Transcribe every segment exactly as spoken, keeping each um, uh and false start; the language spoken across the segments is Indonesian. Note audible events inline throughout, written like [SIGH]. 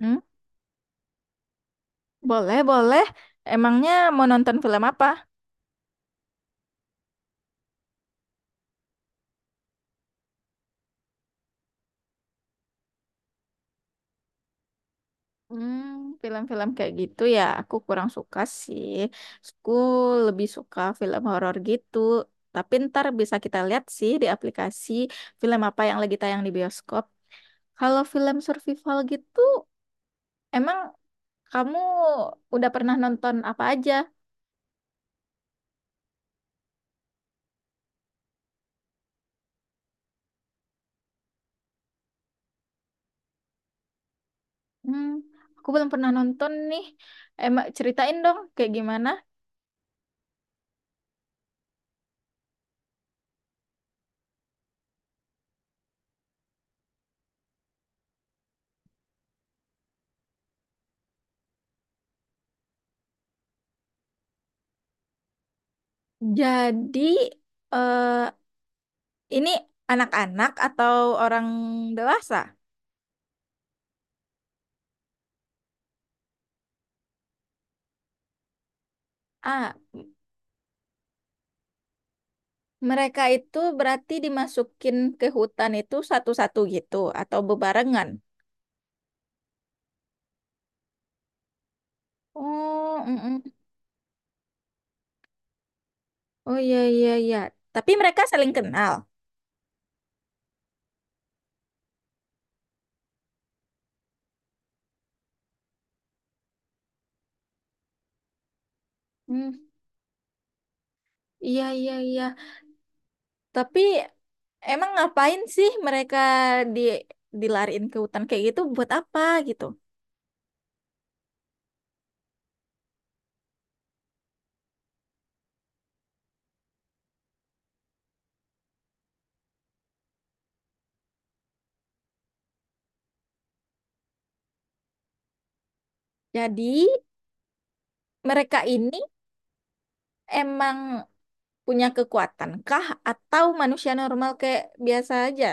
Hmm, boleh, boleh. Emangnya mau nonton film apa? Hmm, film-film kayak gitu ya, aku kurang suka sih. Aku lebih suka film horor gitu. Tapi ntar bisa kita lihat sih di aplikasi film apa yang lagi tayang di bioskop. Kalau film survival gitu, emang kamu udah pernah nonton apa aja? Hmm, aku belum pernah nonton nih. Emang ceritain dong kayak gimana? Jadi, eh, ini anak-anak atau orang dewasa? Ah, mereka itu berarti dimasukin ke hutan itu satu-satu gitu atau bebarengan? Oh, mm-mm. Oh iya iya iya. Tapi mereka saling kenal? Hmm, iya iya iya. Tapi emang ngapain sih mereka di dilariin ke hutan kayak gitu buat apa gitu? Jadi mereka ini emang punya kekuatan kah atau manusia normal kayak biasa aja?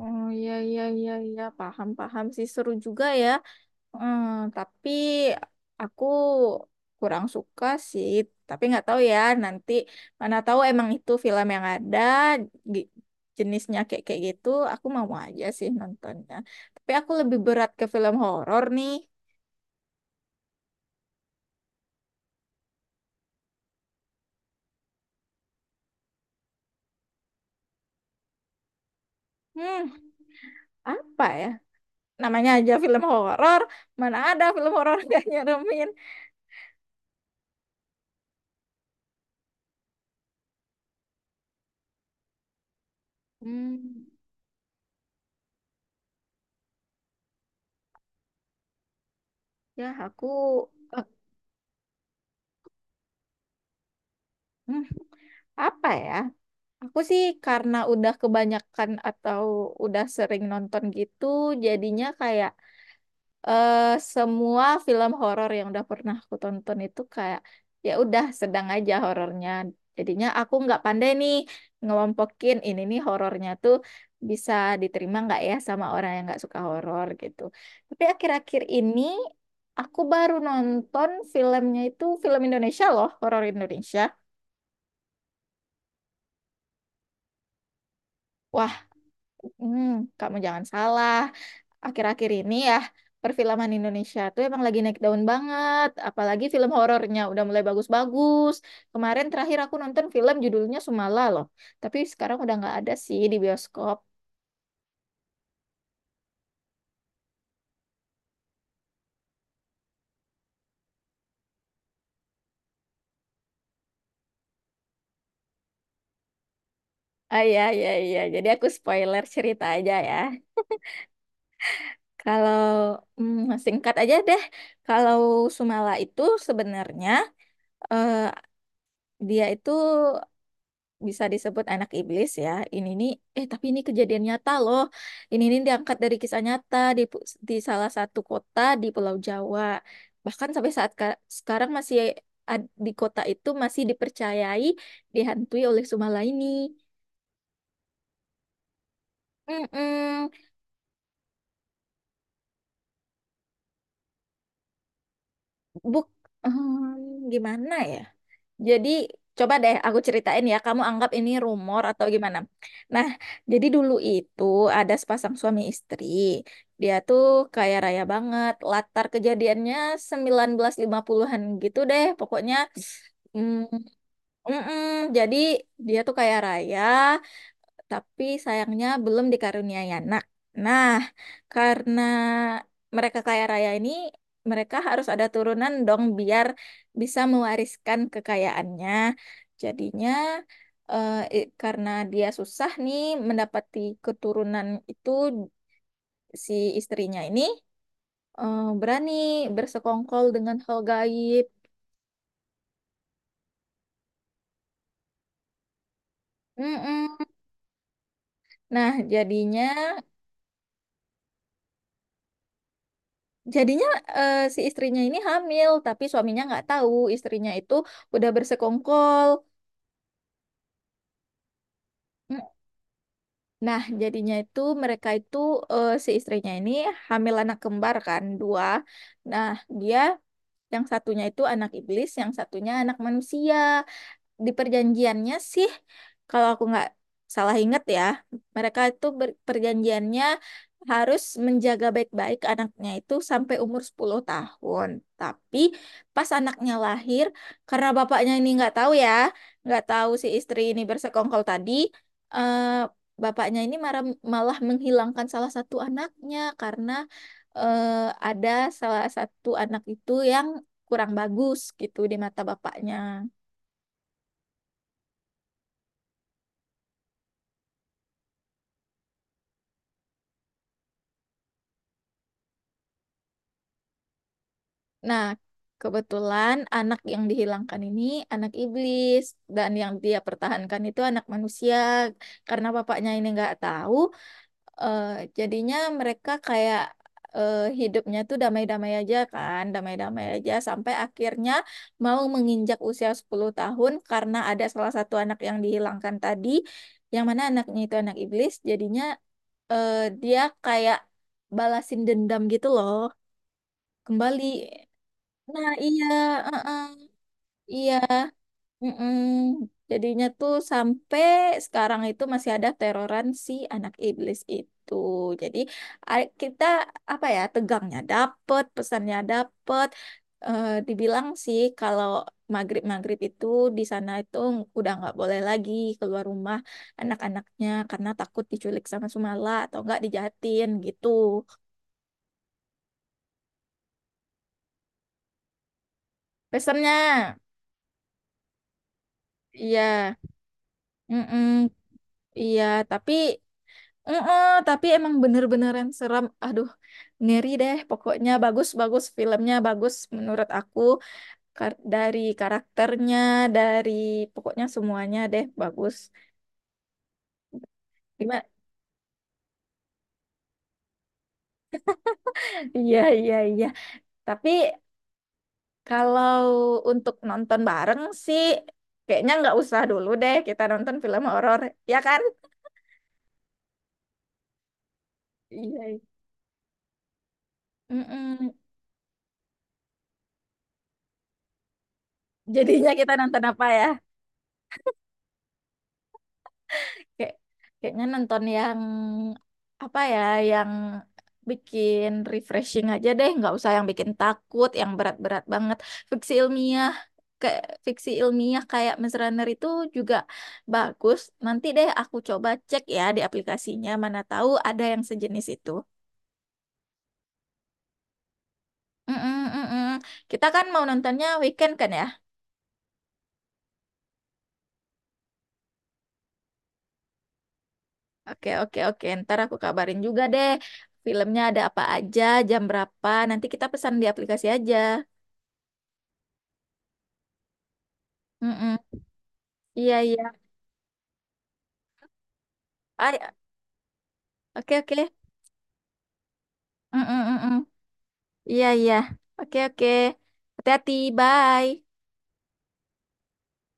Oh iya iya iya iya, paham paham sih, seru juga ya. Hmm, tapi aku kurang suka sih. Tapi nggak tahu ya, nanti mana tahu emang itu film yang ada gi- jenisnya kayak kayak gitu. Aku mau aja sih nontonnya. Tapi aku lebih berat ke film horor nih. Hmm, apa ya? Namanya aja film horor. Mana ada film horor [LAUGHS] gak nyeremin? Hmm, ya aku eh, hmm, apa ya? Aku sih karena udah kebanyakan atau udah sering nonton gitu, jadinya kayak eh, semua film horor yang udah pernah aku tonton itu kayak ya udah sedang aja horornya. Jadinya aku nggak pandai nih ngelompokin ini nih horornya tuh bisa diterima nggak ya sama orang yang nggak suka horor gitu. Tapi akhir-akhir ini aku baru nonton filmnya itu film Indonesia loh, horor Indonesia. Wah, hmm, kamu jangan salah. Akhir-akhir ini ya, perfilman Indonesia tuh emang lagi naik daun banget, apalagi film horornya udah mulai bagus-bagus. Kemarin terakhir aku nonton film judulnya Sumala loh, tapi sekarang udah nggak ada sih di bioskop. Ah, iya iya iya, jadi aku spoiler cerita aja ya. Kalau hmm, singkat aja deh, kalau Sumala itu sebenarnya, eh, dia itu bisa disebut anak iblis ya. Ini nih, eh tapi ini kejadian nyata loh. Ini nih diangkat dari kisah nyata di pu- di salah satu kota di Pulau Jawa. Bahkan sampai saat ka- sekarang masih ad- di kota itu masih dipercayai dihantui oleh Sumalaini. Mm-mm. Buk, hmm, gimana ya? Jadi coba deh aku ceritain ya, kamu anggap ini rumor atau gimana. Nah, jadi dulu itu ada sepasang suami istri. Dia tuh kaya raya banget. Latar kejadiannya sembilan belas lima puluh-an gitu deh. Pokoknya mm, mm-mm. Jadi dia tuh kaya raya tapi sayangnya belum dikaruniai anak. Nah, karena mereka kaya raya ini, mereka harus ada turunan dong biar bisa mewariskan kekayaannya. Jadinya eh, i- karena dia susah nih mendapati keturunan itu, si istrinya ini eh, berani bersekongkol dengan hal gaib. Mm-mm. Nah, jadinya Jadinya eh, si istrinya ini hamil, tapi suaminya nggak tahu istrinya itu udah bersekongkol. Mm. Nah, jadinya itu mereka itu eh, si istrinya ini hamil anak kembar kan dua. Nah, dia yang satunya itu anak iblis, yang satunya anak manusia. Di perjanjiannya sih, kalau aku nggak salah ingat ya, mereka itu ber- perjanjiannya harus menjaga baik-baik anaknya itu sampai umur sepuluh tahun. Tapi pas anaknya lahir, karena bapaknya ini nggak tahu ya, nggak tahu si istri ini bersekongkol tadi, eh, bapaknya ini marah- malah menghilangkan salah satu anaknya karena eh, ada salah satu anak itu yang kurang bagus gitu di mata bapaknya. Nah, kebetulan anak yang dihilangkan ini anak iblis dan yang dia pertahankan itu anak manusia. Karena bapaknya ini nggak tahu, eh, jadinya mereka kayak eh, hidupnya tuh damai-damai aja kan, damai-damai aja sampai akhirnya mau menginjak usia sepuluh tahun. Karena ada salah satu anak yang dihilangkan tadi, yang mana anaknya itu anak iblis, jadinya eh, dia kayak balasin dendam gitu loh, kembali. Nah, iya, heeh, iya, mm-mm. Jadinya tuh sampai sekarang itu masih ada teroran si anak iblis itu. Jadi a- kita apa ya, tegangnya dapet, pesannya dapet. Eh, dibilang sih kalau maghrib maghrib itu di sana itu udah nggak boleh lagi keluar rumah anak-anaknya karena takut diculik sama Sumala atau nggak dijahatin gitu. Pesannya, iya. Mm. Iya, tapi heeh, tapi emang bener-beneran serem. Aduh, ngeri deh. Pokoknya bagus-bagus, filmnya bagus menurut aku. Kar- dari karakternya, dari pokoknya semuanya deh bagus. Gimana? [LAUGHS] Iya, iya, iya. Tapi kalau untuk nonton bareng sih, kayaknya nggak usah dulu deh kita nonton film horor, ya kan? Iya. Iya. Mm-mm. Jadinya kita nonton apa ya? Kayak, kayaknya nonton yang apa ya, yang bikin refreshing aja deh, nggak usah yang bikin takut, yang berat-berat banget. Fiksi ilmiah, kayak fiksi ilmiah kayak Maze Runner itu juga bagus. Nanti deh aku coba cek ya di aplikasinya, mana tahu ada yang sejenis itu. Mm-mm, mm-mm. Kita kan mau nontonnya weekend kan ya? Oke, oke, oke. Ntar aku kabarin juga deh. Filmnya ada apa aja, jam berapa. Nanti kita pesan di aplikasi aja. Mm-mm. Iya, iya. Ay, oke, oke. Mm-mm-mm. Iya, iya. Oke, oke. Hati-hati. Bye.